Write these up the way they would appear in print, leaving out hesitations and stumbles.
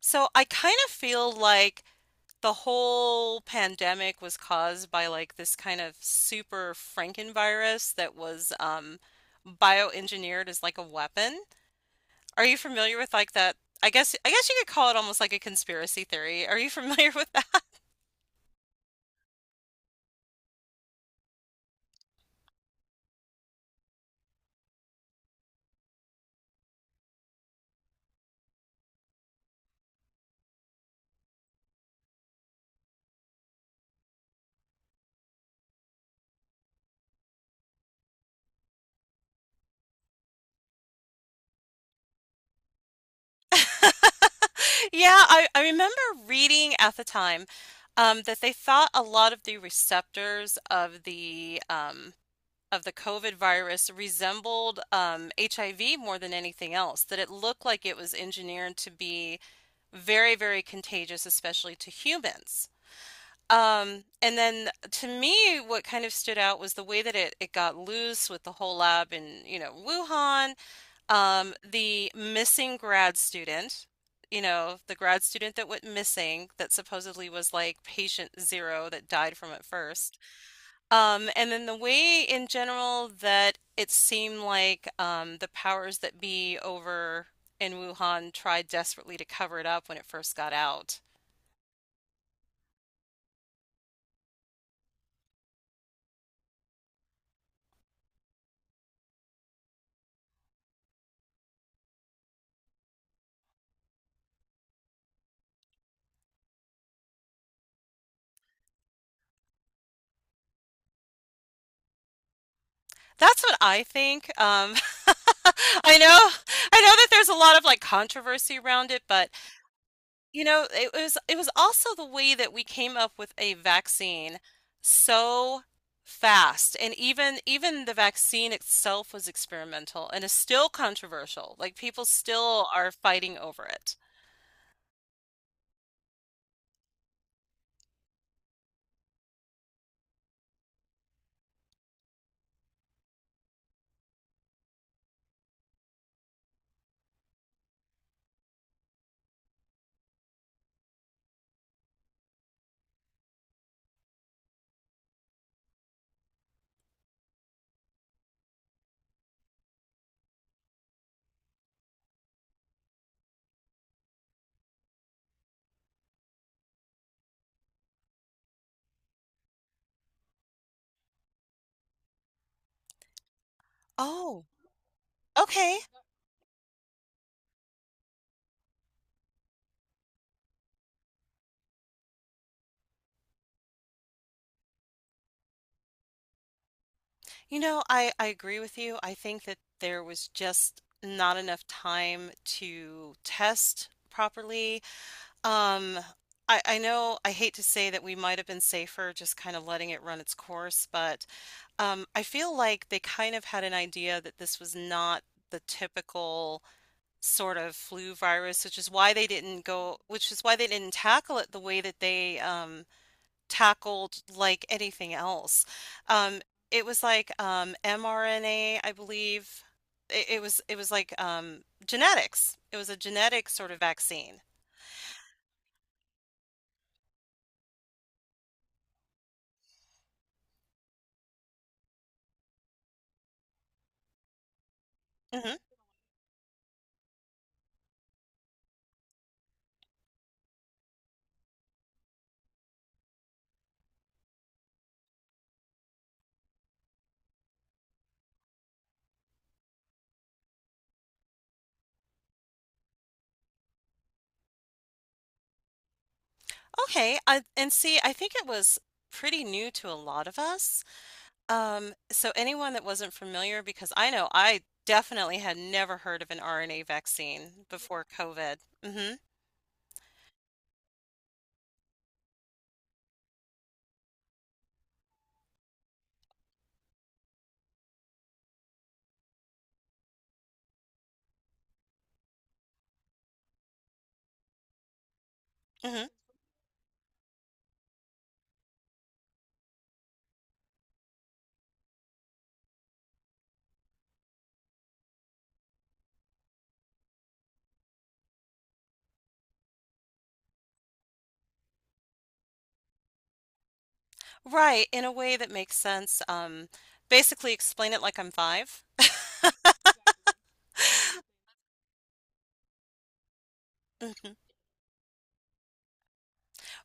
So I kind of feel like the whole pandemic was caused by like this kind of super Frankenvirus that was bioengineered as like a weapon. Are you familiar with like that? I guess you could call it almost like a conspiracy theory. Are you familiar with that? Yeah, I remember reading at the time that they thought a lot of the receptors of the COVID virus resembled HIV more than anything else, that it looked like it was engineered to be very, very contagious, especially to humans. And then to me, what kind of stood out was the way that it got loose with the whole lab in, you know, Wuhan, the missing grad student, you know, the grad student that went missing, that supposedly was like patient zero that died from it first. And then the way in general that it seemed like the powers that be over in Wuhan tried desperately to cover it up when it first got out. That's what I think. I know, I know that there's a lot of like controversy around it, but you know, it was also the way that we came up with a vaccine so fast. And even the vaccine itself was experimental and is still controversial. Like people still are fighting over it. Oh, okay. You know, I agree with you. I think that there was just not enough time to test properly. Um, I know I hate to say that we might have been safer just kind of letting it run its course, but I feel like they kind of had an idea that this was not the typical sort of flu virus, which is why they didn't go, which is why they didn't tackle it the way that they tackled like anything else. Um, it was like mRNA, I believe. It was like genetics. It was a genetic sort of vaccine. Mm-hmm. Okay, and see, I think it was pretty new to a lot of us. So anyone that wasn't familiar, because I know I definitely had never heard of an RNA vaccine before COVID. Hmm hmm Right, in a way that makes sense. Basically explain it like I'm five. Mhm.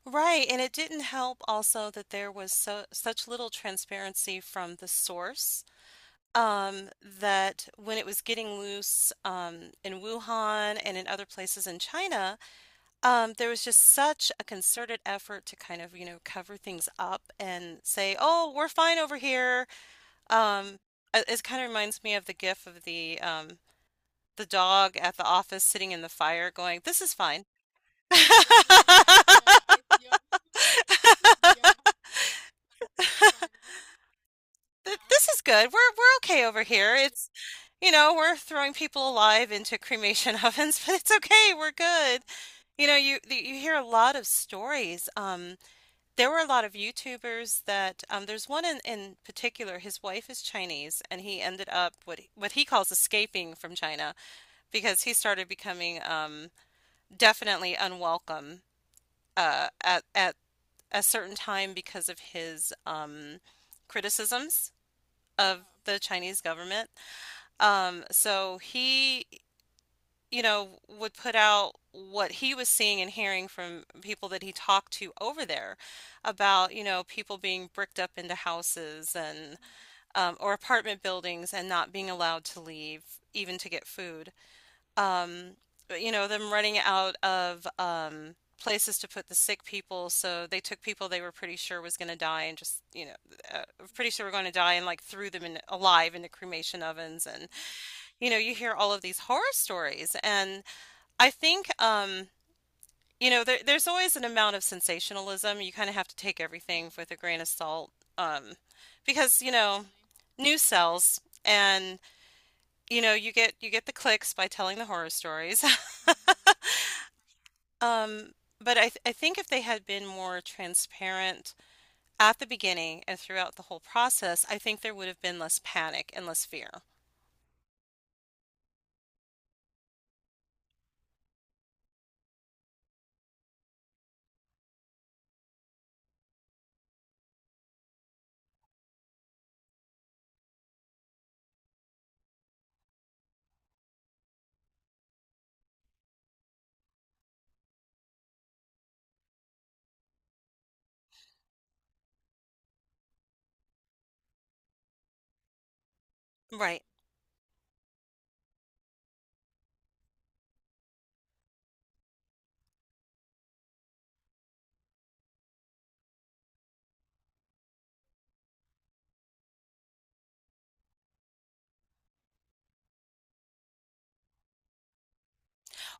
Right, and it didn't help also that there was so such little transparency from the source that when it was getting loose in Wuhan and in other places in China, there was just such a concerted effort to kind of, you know, cover things up and say, "Oh, we're fine over here." Um, it kind of reminds me of the gif of the dog at the office sitting in the fire going, "This is fine." Th- This is good. We're okay over here. It's, you know, we're throwing people alive into cremation ovens, but it's okay. We're good. You know, you hear a lot of stories. There were a lot of YouTubers that there's one in particular. His wife is Chinese, and he ended up what he calls escaping from China because he started becoming definitely unwelcome at a certain time because of his criticisms of the Chinese government. So he you know, would put out what he was seeing and hearing from people that he talked to over there about, you know, people being bricked up into houses and or apartment buildings and not being allowed to leave even to get food. Um, you know, them running out of places to put the sick people, so they took people they were pretty sure was going to die and just, you know, uh, pretty sure were going to die and like threw them in alive into cremation ovens. And you know, you hear all of these horror stories. And I think, you know, there's always an amount of sensationalism. You kind of have to take everything with a grain of salt, um, because, you know, news sells, and you know, you get the clicks by telling the horror stories. Um, but I think if they had been more transparent at the beginning and throughout the whole process, I think there would have been less panic and less fear. Right.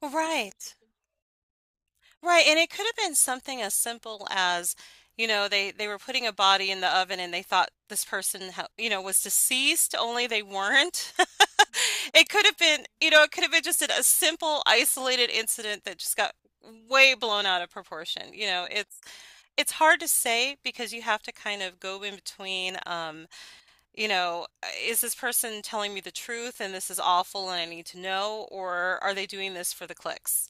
Right. Right, and it could have been something as simple as, you know, they were putting a body in the oven and they thought this person, you know, was deceased, only they weren't. It could have been, you know, it could have been just a simple isolated incident that just got way blown out of proportion. You know, it's hard to say because you have to kind of go in between, you know, is this person telling me the truth and this is awful and I need to know, or are they doing this for the clicks?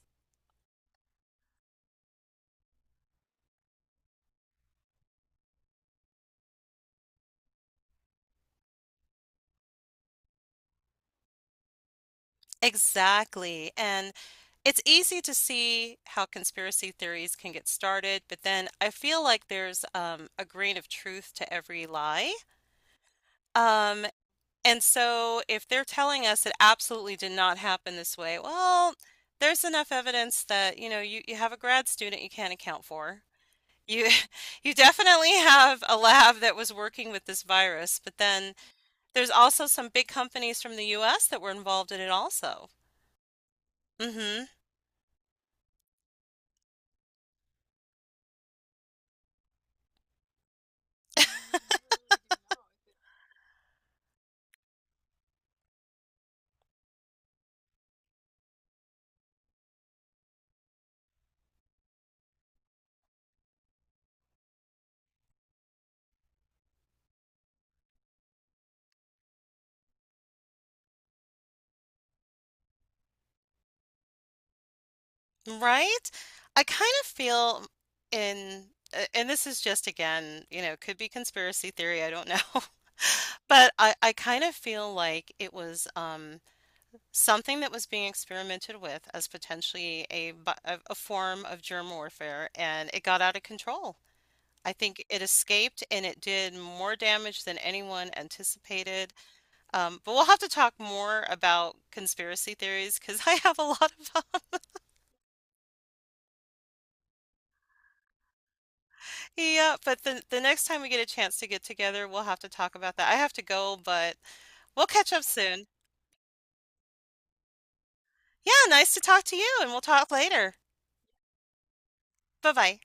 Exactly. And it's easy to see how conspiracy theories can get started, but then I feel like there's a grain of truth to every lie. Um, and so if they're telling us it absolutely did not happen this way, well, there's enough evidence that, you know, you have a grad student you can't account for. You you definitely have a lab that was working with this virus, but then there's also some big companies from the US that were involved in it also. Hmm Right? I kind of feel and this is just again, you know, could be conspiracy theory, I don't know. But I kind of feel like it was something that was being experimented with as potentially a form of germ warfare and it got out of control. I think it escaped and it did more damage than anyone anticipated. But we'll have to talk more about conspiracy theories because I have a lot of. Yeah, but the next time we get a chance to get together, we'll have to talk about that. I have to go, but we'll catch up soon. Yeah, nice to talk to you, and we'll talk later. Bye-bye.